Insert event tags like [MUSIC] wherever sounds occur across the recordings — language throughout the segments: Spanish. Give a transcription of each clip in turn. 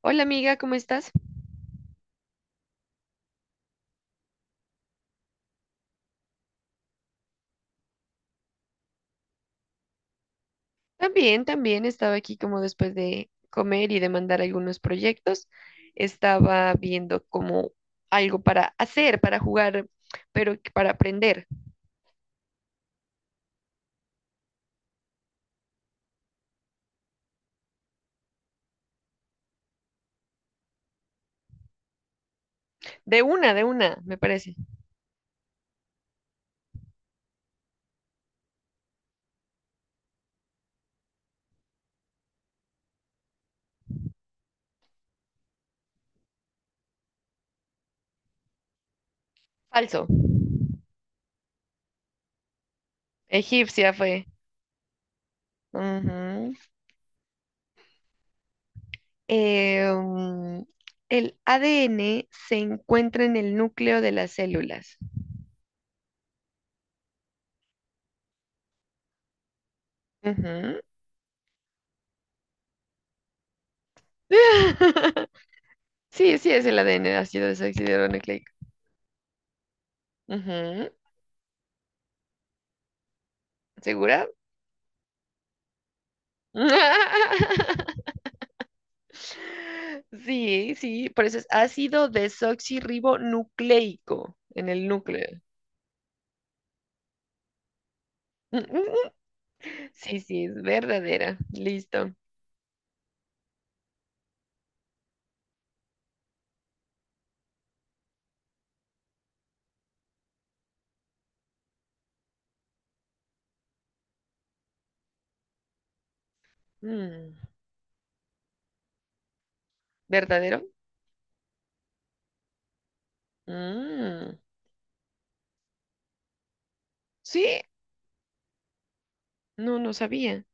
Hola amiga, ¿cómo estás? También, también estaba aquí como después de comer y de mandar algunos proyectos. Estaba viendo como algo para hacer, para jugar, pero que para aprender. De una, me parece. Falso. Egipcia fue. Ujú. Eh, mm, el ADN se encuentra en el núcleo de las células. Ujú. [LAUGHS] Sí, sí es el ADN, ácido desoxirribonucleico. Ujú. ¿Segura? [LAUGHS] Sí, sí, por eso es ácido desoxirribonucleico en el núcleo. [LAUGHS] Sí, sí, es verdadera. Listo. Mm, ¿verdadero? Mm, sí, no, no sabía.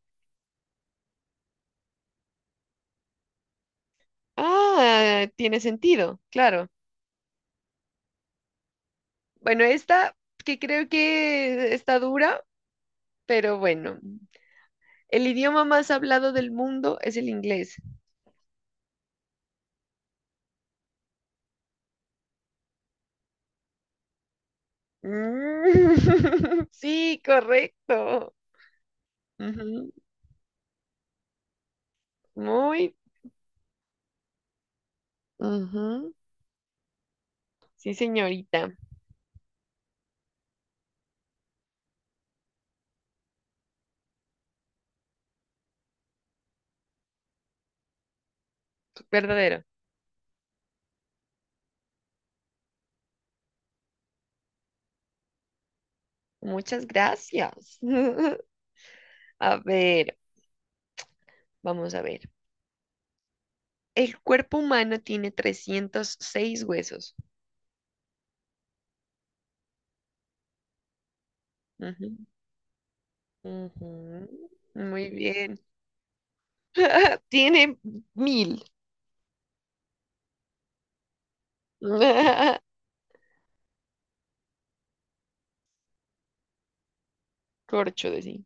Ah, tiene sentido, claro. Bueno, esta que creo que está dura, pero bueno. El idioma más hablado del mundo es el inglés. Mm, [LAUGHS] sí, correcto. Ujú. Muy. Ujú. Sí, señorita. Verdadero. Muchas gracias. [LAUGHS] A ver, vamos a ver. El cuerpo humano tiene 306 huesos. Ujú, ujú. Muy bien. [LAUGHS] Tiene mil. [LAUGHS] Corcho de sí.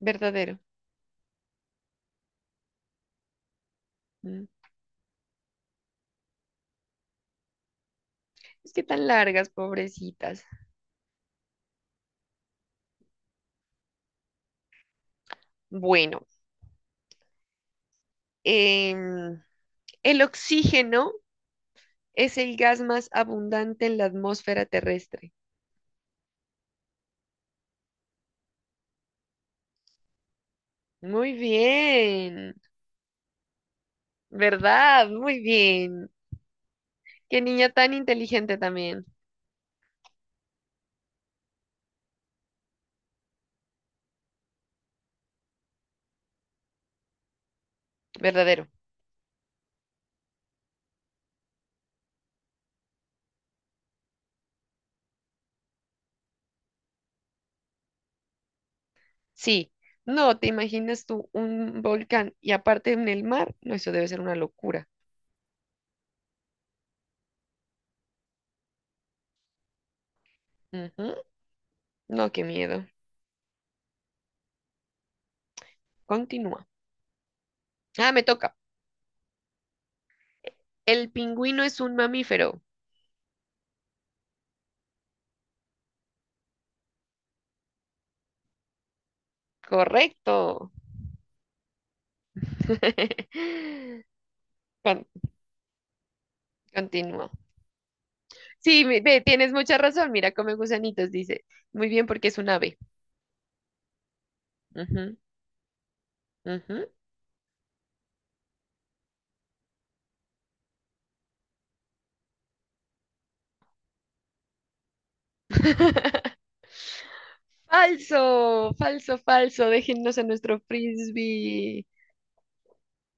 Verdadero. Mm. Es que tan largas, pobrecitas. Bueno, em, el oxígeno es el gas más abundante en la atmósfera terrestre. Muy bien, ¿verdad? Muy bien. Qué niña tan inteligente también, verdadero. Sí, no te imaginas tú un volcán y aparte en el mar, no, eso debe ser una locura. Ujú. No, qué miedo. Continúa. Ah, me toca. El pingüino es un mamífero. Correcto. [LAUGHS] Con- Continúa. Sí, ve, tienes mucha razón. Mira, come gusanitos, dice. Muy bien, porque es un ave. Ujú, ujú. [LAUGHS] Falso, falso, falso. Déjennos a nuestro frisbee.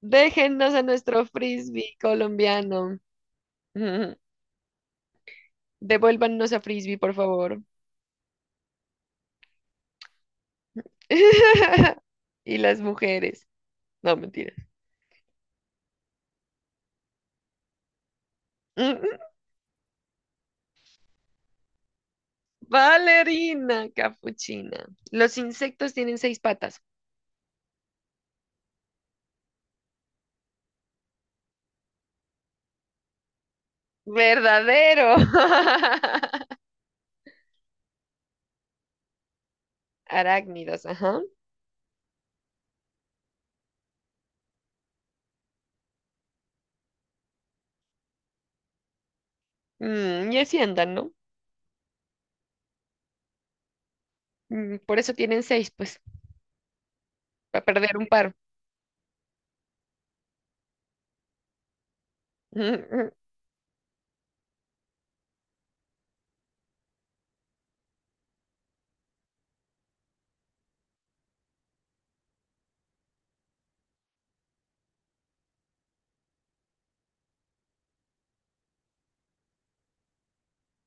Déjennos a nuestro frisbee colombiano. [LAUGHS] Ujú. Devuélvannos a frisbee, por favor. [LAUGHS] Y las mujeres. No, mentira. [LAUGHS] Valerina capuchina. Los insectos tienen seis patas. Verdadero. [LAUGHS] Arácnidos, ajá. Mm, y así andan, ¿no? Por eso tienen seis, pues, para perder un par. [LAUGHS]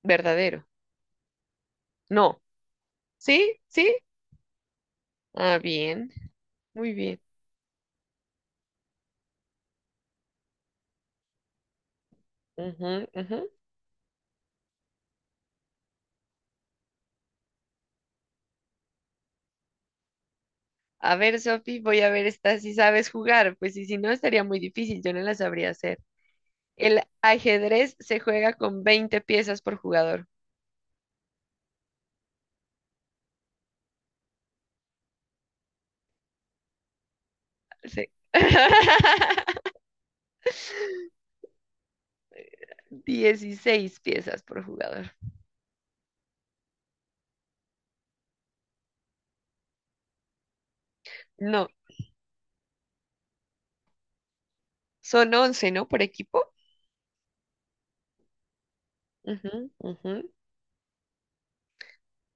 Verdadero. No. ¿Sí? ¿Sí? Ah, bien. Muy bien. Ujú, ujú. A ver, Sofi, voy a ver esta si sabes jugar, pues y si no estaría muy difícil, yo no la sabría hacer. El ajedrez se juega con 20 piezas por jugador. Sí. [LAUGHS] 16 piezas por jugador. No, son 11, ¿no? Por equipo. Ujú, ujú.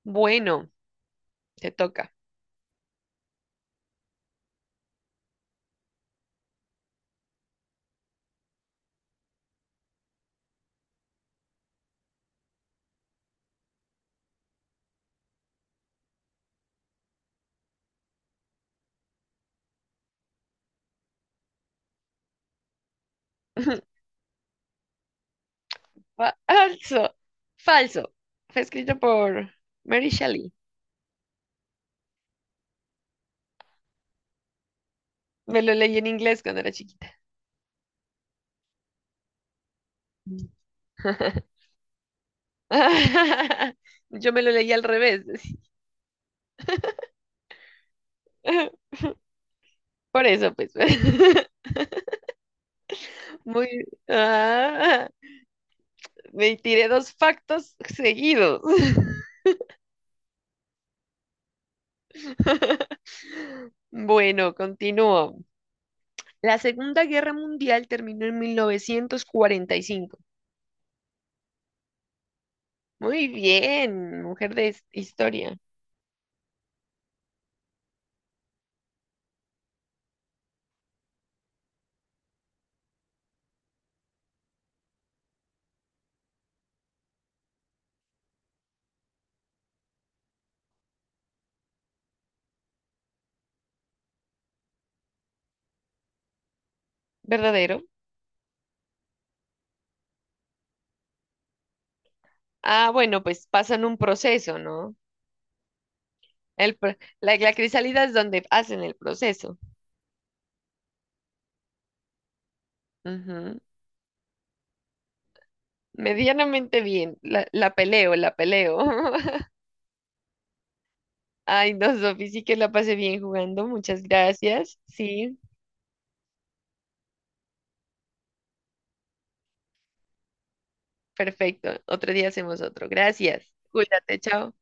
Bueno, te toca. [LAUGHS] Falso. Falso. Fue escrito por Mary Shelley. Me lo leí en inglés cuando era chiquita. [LAUGHS] Yo me lo leí al revés. [LAUGHS] Por eso, pues. [LAUGHS] Muy. Ah, me tiré dos factos seguidos. [LAUGHS] Bueno, continúo. La Segunda Guerra Mundial terminó en 1945. Muy bien, mujer de historia. ¿Verdadero? Ah, bueno, pues pasan un proceso, ¿no? El, pro- la crisálida es donde hacen el proceso. Ujú. Medianamente bien. La peleo, la peleo. [LAUGHS] Ay, no, Sofi, sí que la pasé bien jugando. Muchas gracias. Sí, perfecto. Otro día hacemos otro. Gracias. Cuídate, chao.